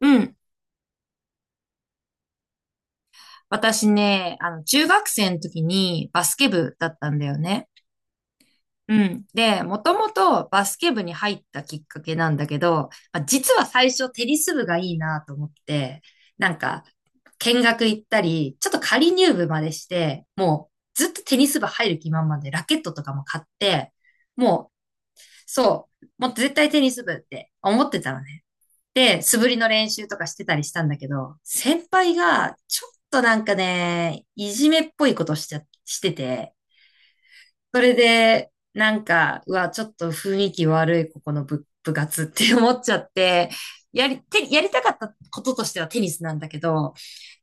うん。私ね、中学生の時にバスケ部だったんだよね。うん。で、もともとバスケ部に入ったきっかけなんだけど、まあ、実は最初テニス部がいいなと思って、なんか、見学行ったり、ちょっと仮入部までして、もうずっとテニス部入る気満々でラケットとかも買って、もう、そう、もう絶対テニス部って思ってたのね。で、素振りの練習とかしてたりしたんだけど、先輩がちょっとなんかね、いじめっぽいことしちゃ、してて、それで、うわ、ちょっと雰囲気悪いここの部活って思っちゃって、やりたかったこととしてはテニスなんだけど、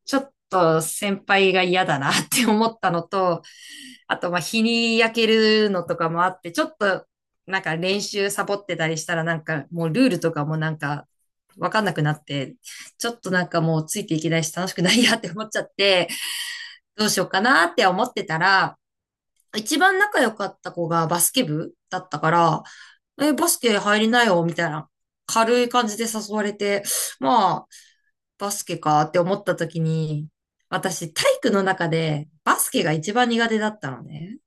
ちょっと先輩が嫌だなって思ったのと、あと、まあ、日に焼けるのとかもあって、ちょっと、なんか練習サボってたりしたら、なんかもうルールとかもなんか、わかんなくなって、ちょっとなんかもうついていけないし楽しくないやって思っちゃって、どうしようかなって思ってたら、一番仲良かった子がバスケ部だったから、え、バスケ入りなよみたいな軽い感じで誘われて、まあ、バスケかって思った時に、私体育の中でバスケが一番苦手だったのね。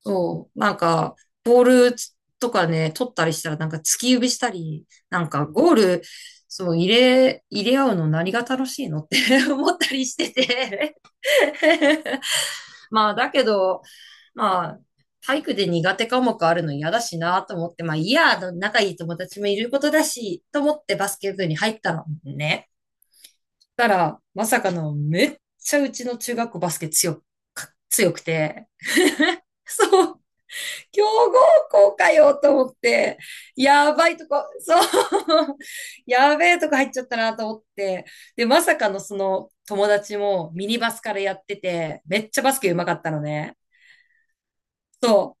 そう、ボールとかね、取ったりしたら、なんか突き指したり、なんかゴール、そう、入れ合うの何が楽しいのって 思ったりしてて まあ、だけど、まあ、体育で苦手科目あるの嫌だしなと思って、まあ、いいや、仲いい友達もいることだし、と思ってバスケ部に入ったのね。たら、まさかの、めっちゃうちの中学校バスケ強く、強くて、そう。強豪校かよと思って、やばいとこ、そう、やべえとこ入っちゃったなと思って、で、まさかのその友達もミニバスからやってて、めっちゃバスケ上手かったのね。そ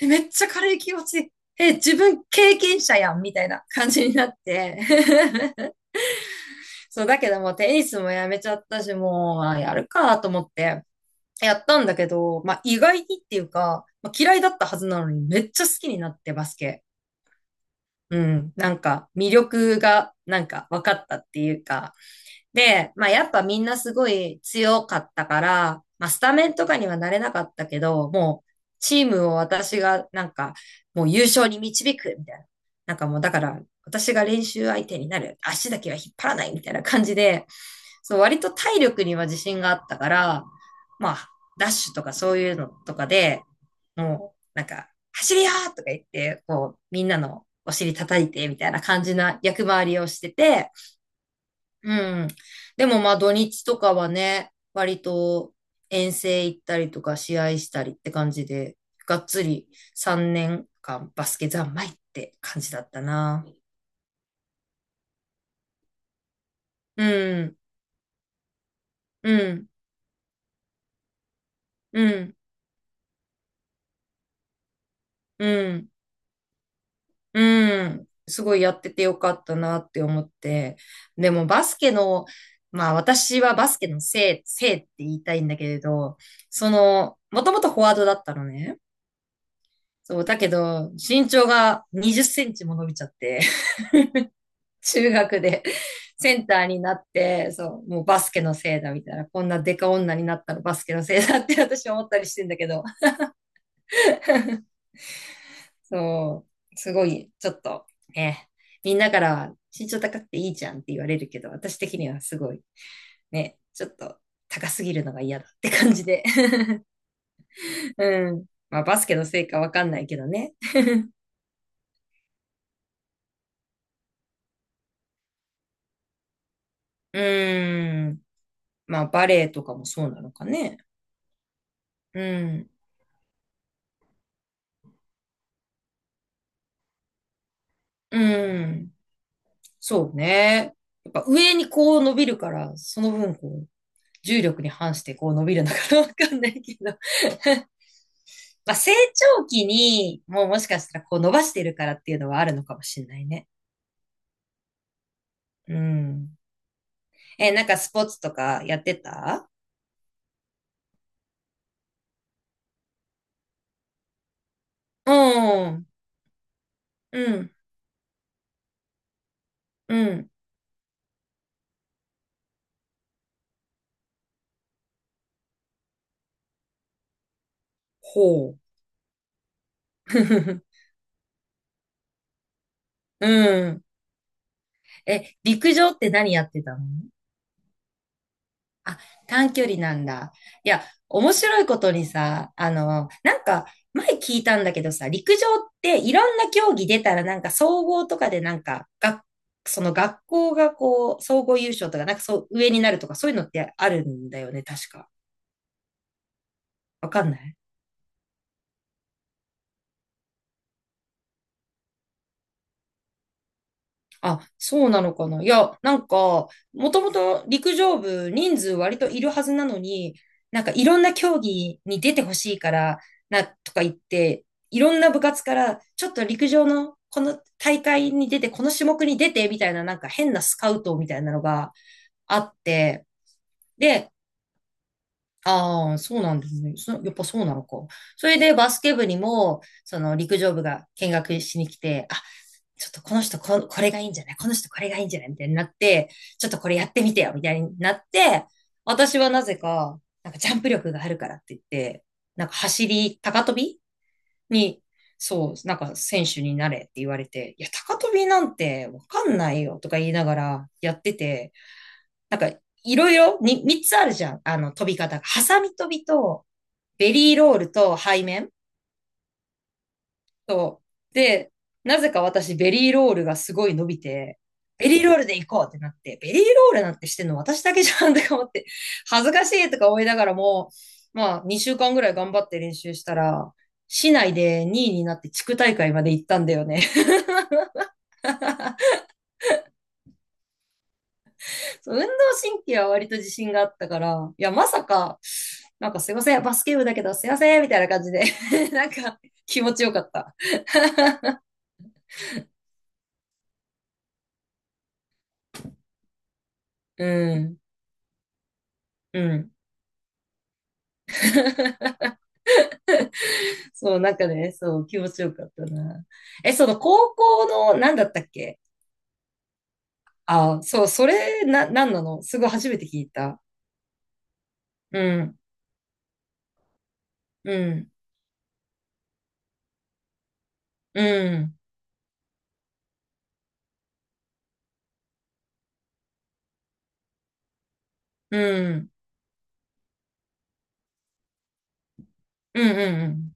う。えめっちゃ軽い気持ち。え、自分経験者やんみたいな感じになって。そう、だけどもうテニスもやめちゃったし、もう、あやるかと思って。やったんだけど、まあ、意外にっていうか、まあ、嫌いだったはずなのにめっちゃ好きになってバスケ。うん、なんか魅力がなんか分かったっていうか、で、まあやっぱみんなすごい強かったから、まあスタメンとかにはなれなかったけど、もうチームを私がなんかもう優勝に導くみたいな。なんかもうだから私が練習相手になる。足だけは引っ張らないみたいな感じで、そう割と体力には自信があったから、まあダッシュとかそういうのとかで、もうなんか走りよーとか言って、こうみんなのお尻叩いてみたいな感じな役回りをしてて、うん。でもまあ土日とかはね、割と遠征行ったりとか試合したりって感じで、がっつり3年間バスケ三昧って感じだったな。うん、うん、うん、うん、うん。すごいやっててよかったなって思って。でもバスケの、まあ私はバスケのせい、せいって言いたいんだけれど、その、もともとフォワードだったのね。そう、だけど、身長が20センチも伸びちゃって。中学でセンターになって、そう、もうバスケのせいだみたいな、こんなデカ女になったのバスケのせいだって私は思ったりしてんだけど、そう、すごい、ちょっと、ね、みんなからは身長高くていいじゃんって言われるけど、私的にはすごい、ね、ちょっと高すぎるのが嫌だって感じで。うん。まあ、バスケのせいかわかんないけどね。うーん。まあ、バレエとかもそうなのかね。うん。うん。そうね。やっぱ上にこう伸びるから、その分こう、重力に反してこう伸びるのかな わかんないけど まあ成長期にもうもしかしたらこう伸ばしてるからっていうのはあるのかもしれないね。うん。え、なんかスポーツとかやってた。うん。うん。うん。ほう。うん。え、陸上って何やってたの？あ、短距離なんだ。いや、面白いことにさ、前聞いたんだけどさ、陸上っていろんな競技出たら、なんか総合とかでなんか、が、その学校がこう、総合優勝とか、なんかそう、上になるとか、そういうのってあるんだよね、確か。わかんない。あ、そうなのかな。いや、なんか、もともと陸上部人数割といるはずなのに、なんかいろんな競技に出てほしいから、な、とか言って、いろんな部活から、ちょっと陸上のこの大会に出て、この種目に出て、みたいななんか変なスカウトみたいなのがあって、ああ、そうなんですね。そ、やっぱそうなのか。それでバスケ部にも、その陸上部が見学しに来て、ちょっとこの人こ、これがいいんじゃないこの人これがいいんじゃないみたいになって、ちょっとこれやってみてよみたいになって、私はなぜか、なんかジャンプ力があるからって言って、なんか走り、高跳びに、そう、なんか選手になれって言われて、いや、高跳びなんてわかんないよとか言いながらやってて、なんか、いろいろ、に、三つあるじゃん。あの、飛び方が。ハサミ飛びと、ベリーロールと背面と、で、なぜか私、ベリーロールがすごい伸びて、ベリーロールで行こうってなって、ベリーロールなんてしてんの私だけじゃんとか思って、恥ずかしいとか思いながらも、まあ、2週間ぐらい頑張って練習したら、市内で2位になって地区大会まで行ったんだよね。そう運動神経は割と自信があったから、いや、まさか、なんかすいません、バスケ部だけどすいません、みたいな感じで なんか気持ちよかった。うん、うん。そう、なんかね、そう、気持ちよかったな。え、その高校の、なんだったっけ？あ、そう、それ、な、なんなの？すごい初めて聞いた。うん、うん、うん、うん、うん、うん、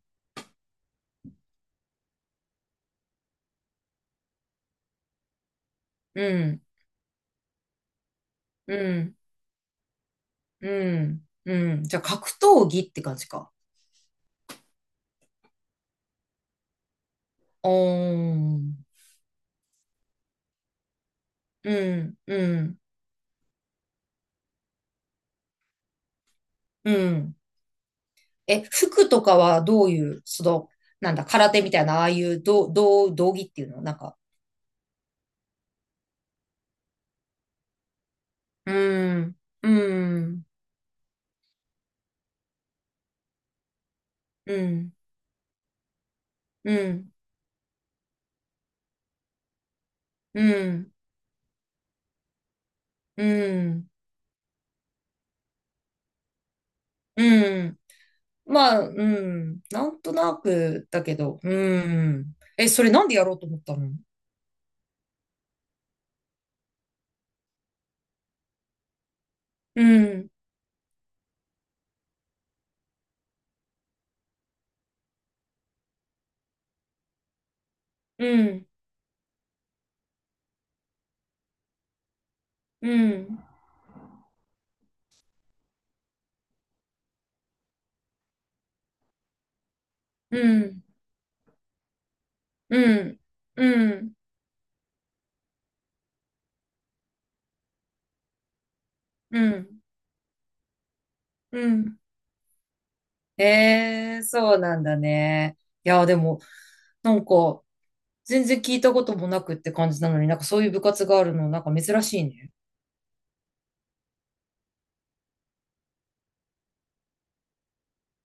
うん、うん、うん、うん。じゃあ、格闘技って感じか。おーん。うん、うん、うん。え、服とかはどういう、その、なんだ、空手みたいな、ああいう、どどう、道着っていうのなんか、うん、うん、うん、うん、うん、うん、うん。まあ、うん、なんとなくだけど、うん。え、それなんでやろうと思ったの？うん、うん、うん、うん、うん、うん、うん、うん。うん。ええ、そうなんだね。いや、でも、なんか、全然聞いたこともなくって感じなのに、なんかそういう部活があるの、なんか珍しいね。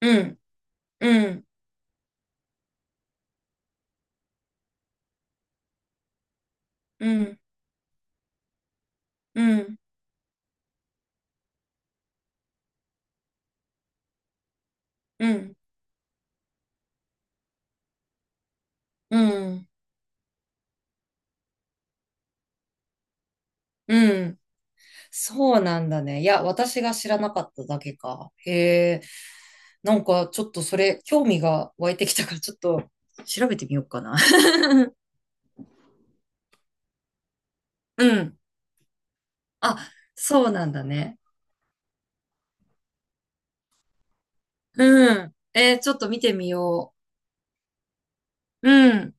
うん、うん、うん、うん、うん、うん、うん。そうなんだね。いや、私が知らなかっただけか。へえ。なんか、ちょっとそれ、興味が湧いてきたから、ちょっと調べてみようかな。うん。あ、そうなんだね。うん。えーちょっと見てみよう。うん。